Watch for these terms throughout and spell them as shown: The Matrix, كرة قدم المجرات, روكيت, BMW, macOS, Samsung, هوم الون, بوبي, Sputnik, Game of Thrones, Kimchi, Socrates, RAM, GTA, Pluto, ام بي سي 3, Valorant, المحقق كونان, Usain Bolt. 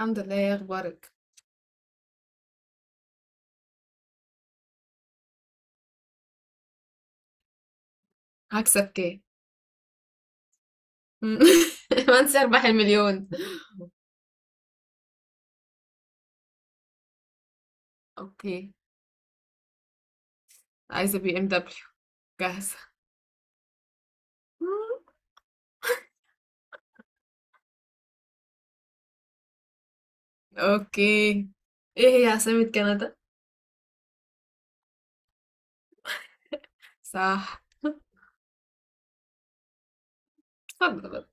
الحمد لله. يا اخبارك؟ هكسب كام؟ وانسى اربح المليون. اوكي. عايزه بي ام دبليو. جاهزه. مم. اوكي. ايه هي عاصمة كندا؟ صح. اتفضل.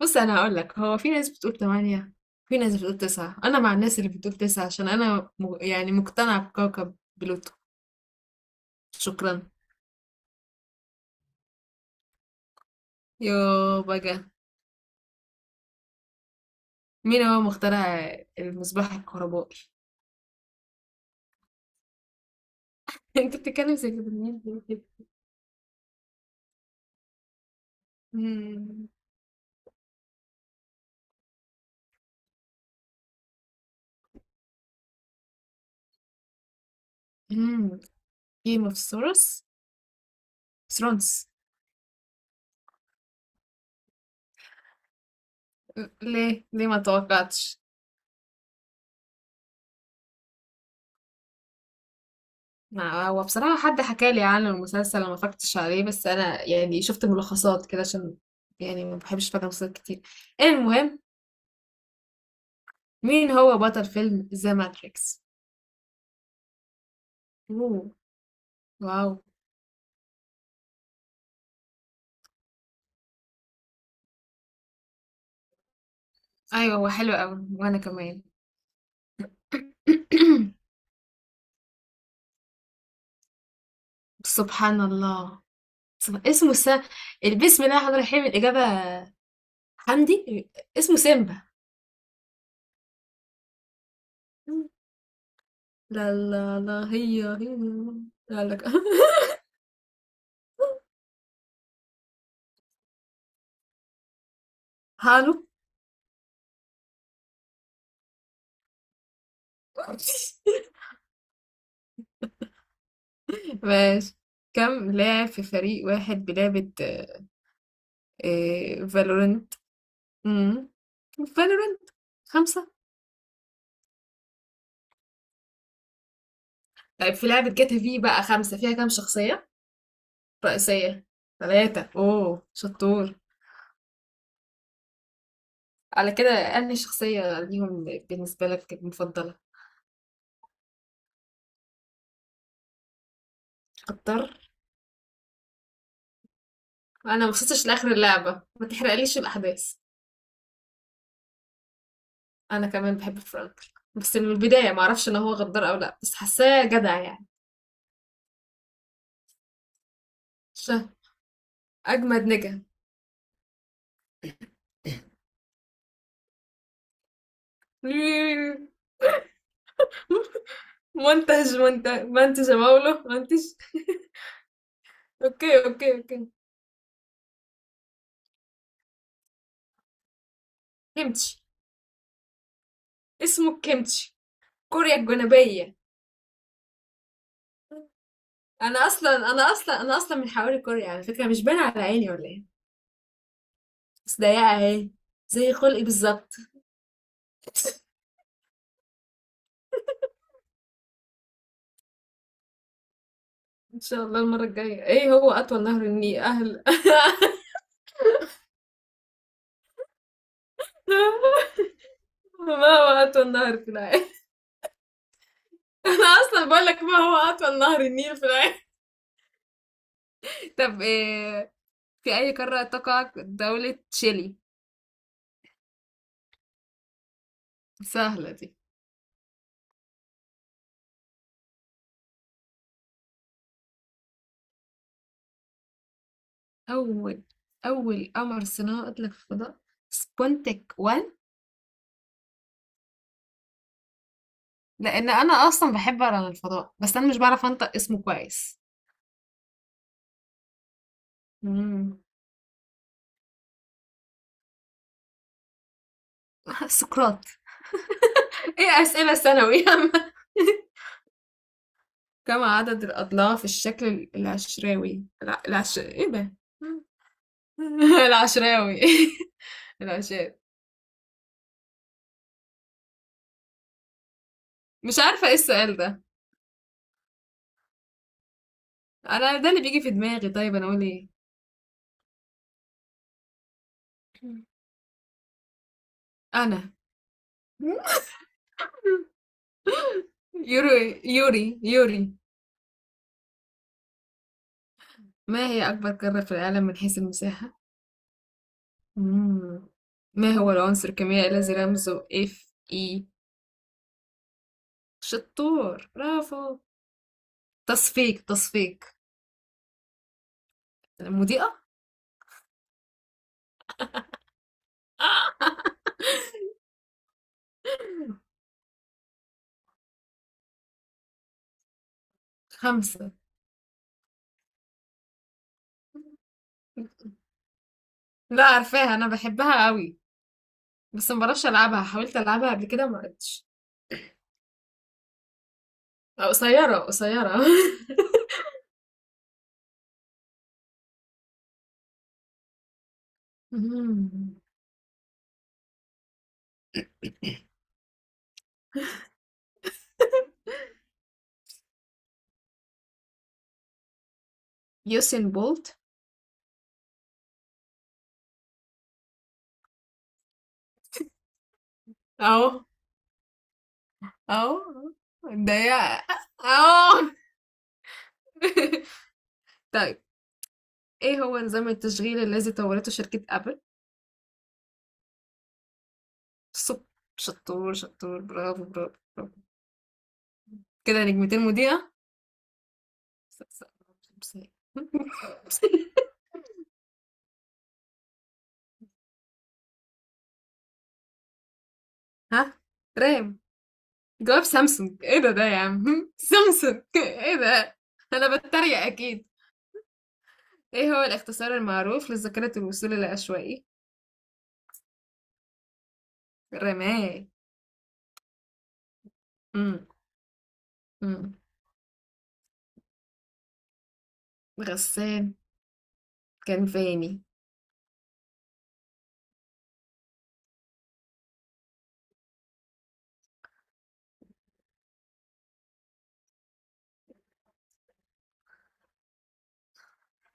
بص انا هقول لك، هو في ناس بتقول تمانية، في ناس بتقول تسعة، انا مع الناس اللي بتقول تسعة عشان انا يعني مقتنع بكوكب بلوتو. شكرا. يو بقى. مين هو مخترع المصباح الكهربائي؟ انت بتتكلم زي كده، مين بيقول كده؟ مم. جيم اوف ثرونز. ثرونز. ليه ليه ما توقعتش؟ ما هو بصراحة، حد حكى لي عن المسلسل، أنا ما فكرتش عليه، بس أنا يعني شفت ملخصات كده، عشان يعني ما بحبش فاكر مسلسلات كتير. المهم. مين هو بطل فيلم ذا ماتريكس؟ اوه. واو. أيوه، هو حلو أوي وأنا كمان. سبحان الله. اسمه بسم الله الرحمن الرحيم. الإجابة حمدي. اسمه سيمبا. لا، لا، لا، هي هي. لا لك. هالو. ماشي. كم لاعب في فريق واحد بلعبة فالورنت فالورنت. خمسة. طيب في لعبة جاتا، في بقى خمسة، فيها كام شخصية رئيسية؟ ثلاثة. اوه شطور. على كده أنهي شخصية ليهم بالنسبة لك المفضلة؟ اختار. أنا ما وصلتش لآخر اللعبة، ما تحرقليش الأحداث. انا كمان بحب فرانك، بس من البدايه ما اعرفش ان هو غدار او لا، بس حاساه جدع يعني. شه اجمد نجا. منتج منتج منتج يا مولو منتج. اوكي، اوكي، اوكي. كيمتشي. اسمه كيمتشي. كوريا الجنوبيه. انا اصلا من حواري كوريا، على فكره، مش باينه على عيني ولا ايه؟ بس ضيقه اهي. زي خلقي بالظبط. ان شاء الله المره الجايه. ايه هو اطول نهر النيل اهل؟ ما هو اطول نهر في العالم؟ انا اصلا بقول لك، ما هو اطول نهر النيل في العالم. طب إيه؟ في أي قارة تقع دولة تشيلي؟ سهلة دي. أول أول قمر صناعي أطلق في الفضاء سبونتك 1. لأن أنا أصلا بحب أقرأ عن الفضاء، بس أنا مش بعرف أنطق اسمه كويس. مم. سقراط. ايه اسئلة ثانوي يا عم. كم عدد الأضلاع في الشكل العشراوي ايه ده؟ العشراوي. العشاب. مش عارفة ايه السؤال ده. انا ده اللي بيجي في دماغي. طيب انا اقول ايه؟ انا. يوري يوري يوري. ما هي اكبر قارة في العالم من حيث المساحة؟ مم. ما هو العنصر الكيميائي الذي رمزه اف اي؟ شطور برافو. تصفيق تصفيق. المضيئة. خمسة. لا، عارفاها، انا بحبها قوي. بس ما بعرفش العبها، حاولت العبها قبل كده ما عرفتش. قصيرة قصيرة. مم. يوسين بولت. اهو. اه. ده يا. اه. طيب، ايه هو نظام التشغيل الذي طورته شركة ابل؟ صب. شطور شطور، برافو برافو برافو. كده نجمتين مذيعة. س- س- ها. رام. جواب سامسونج. ايه ده يا عم. سامسونج ايه ده. انا بتريق اكيد. ايه هو الاختصار المعروف لذاكرة الوصول العشوائي؟ رمال. امم امم غسان كان فاني.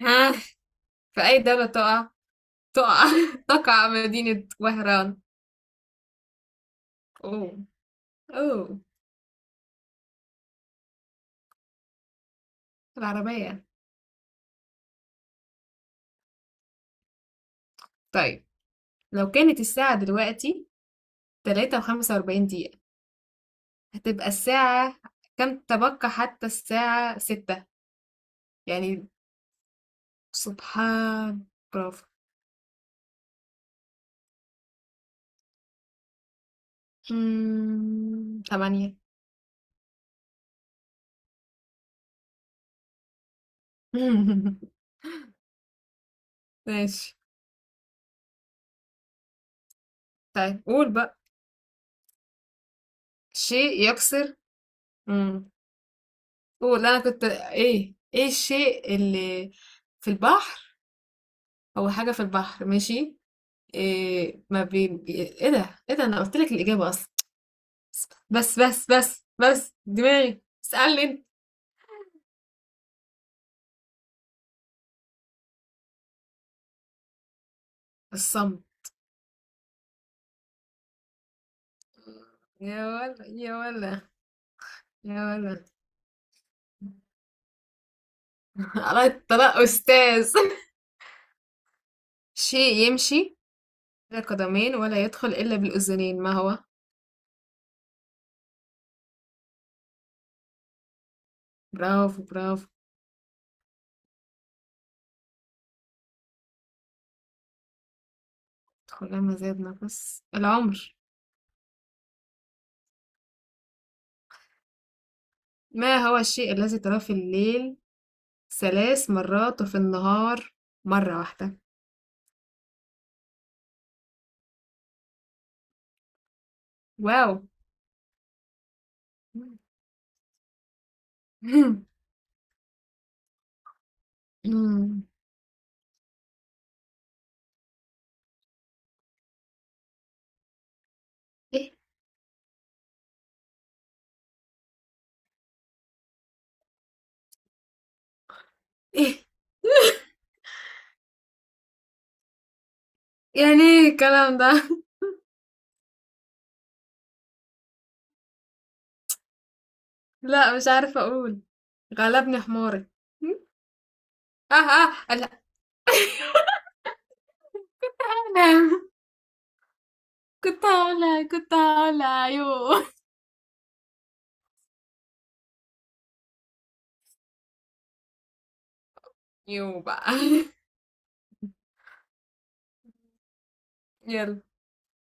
ها. في اي دولة تقع تقع تقع مدينة وهران؟ أوه، أوه. العربية. طيب لو كانت الساعة دلوقتي تلاتة وخمسة وأربعين دقيقة، هتبقى الساعة كم، تبقى حتى الساعة ستة؟ يعني سبحان. برافو. تمانية. ماشي. طيب قول بقى. شيء يكسر. مم. قول أنا كنت إيه الشيء اللي في البحر، هو حاجة في البحر ماشي. إيه، ما ايه ده. انا قلت لك الاجابه اصلا، بس، بس، بس، بس دماغي اسالني انت. الصمت. يا ولا يا ولا يا ولا. على الطلاق استاذ. شيء يمشي بلا قدمين ولا يدخل الا بالاذنين، ما هو؟ برافو برافو. ادخل لما زاد نفس العمر. ما هو الشيء الذي تراه في الليل ثلاث مرات وفي النهار مرة واحدة؟ واو. ايه. إيه يعني ايه الكلام ده. لا مش عارفة اقول. غلبني حماري. اه، اه، لا. انا كنت هقولها يو. يو بقى. يلا.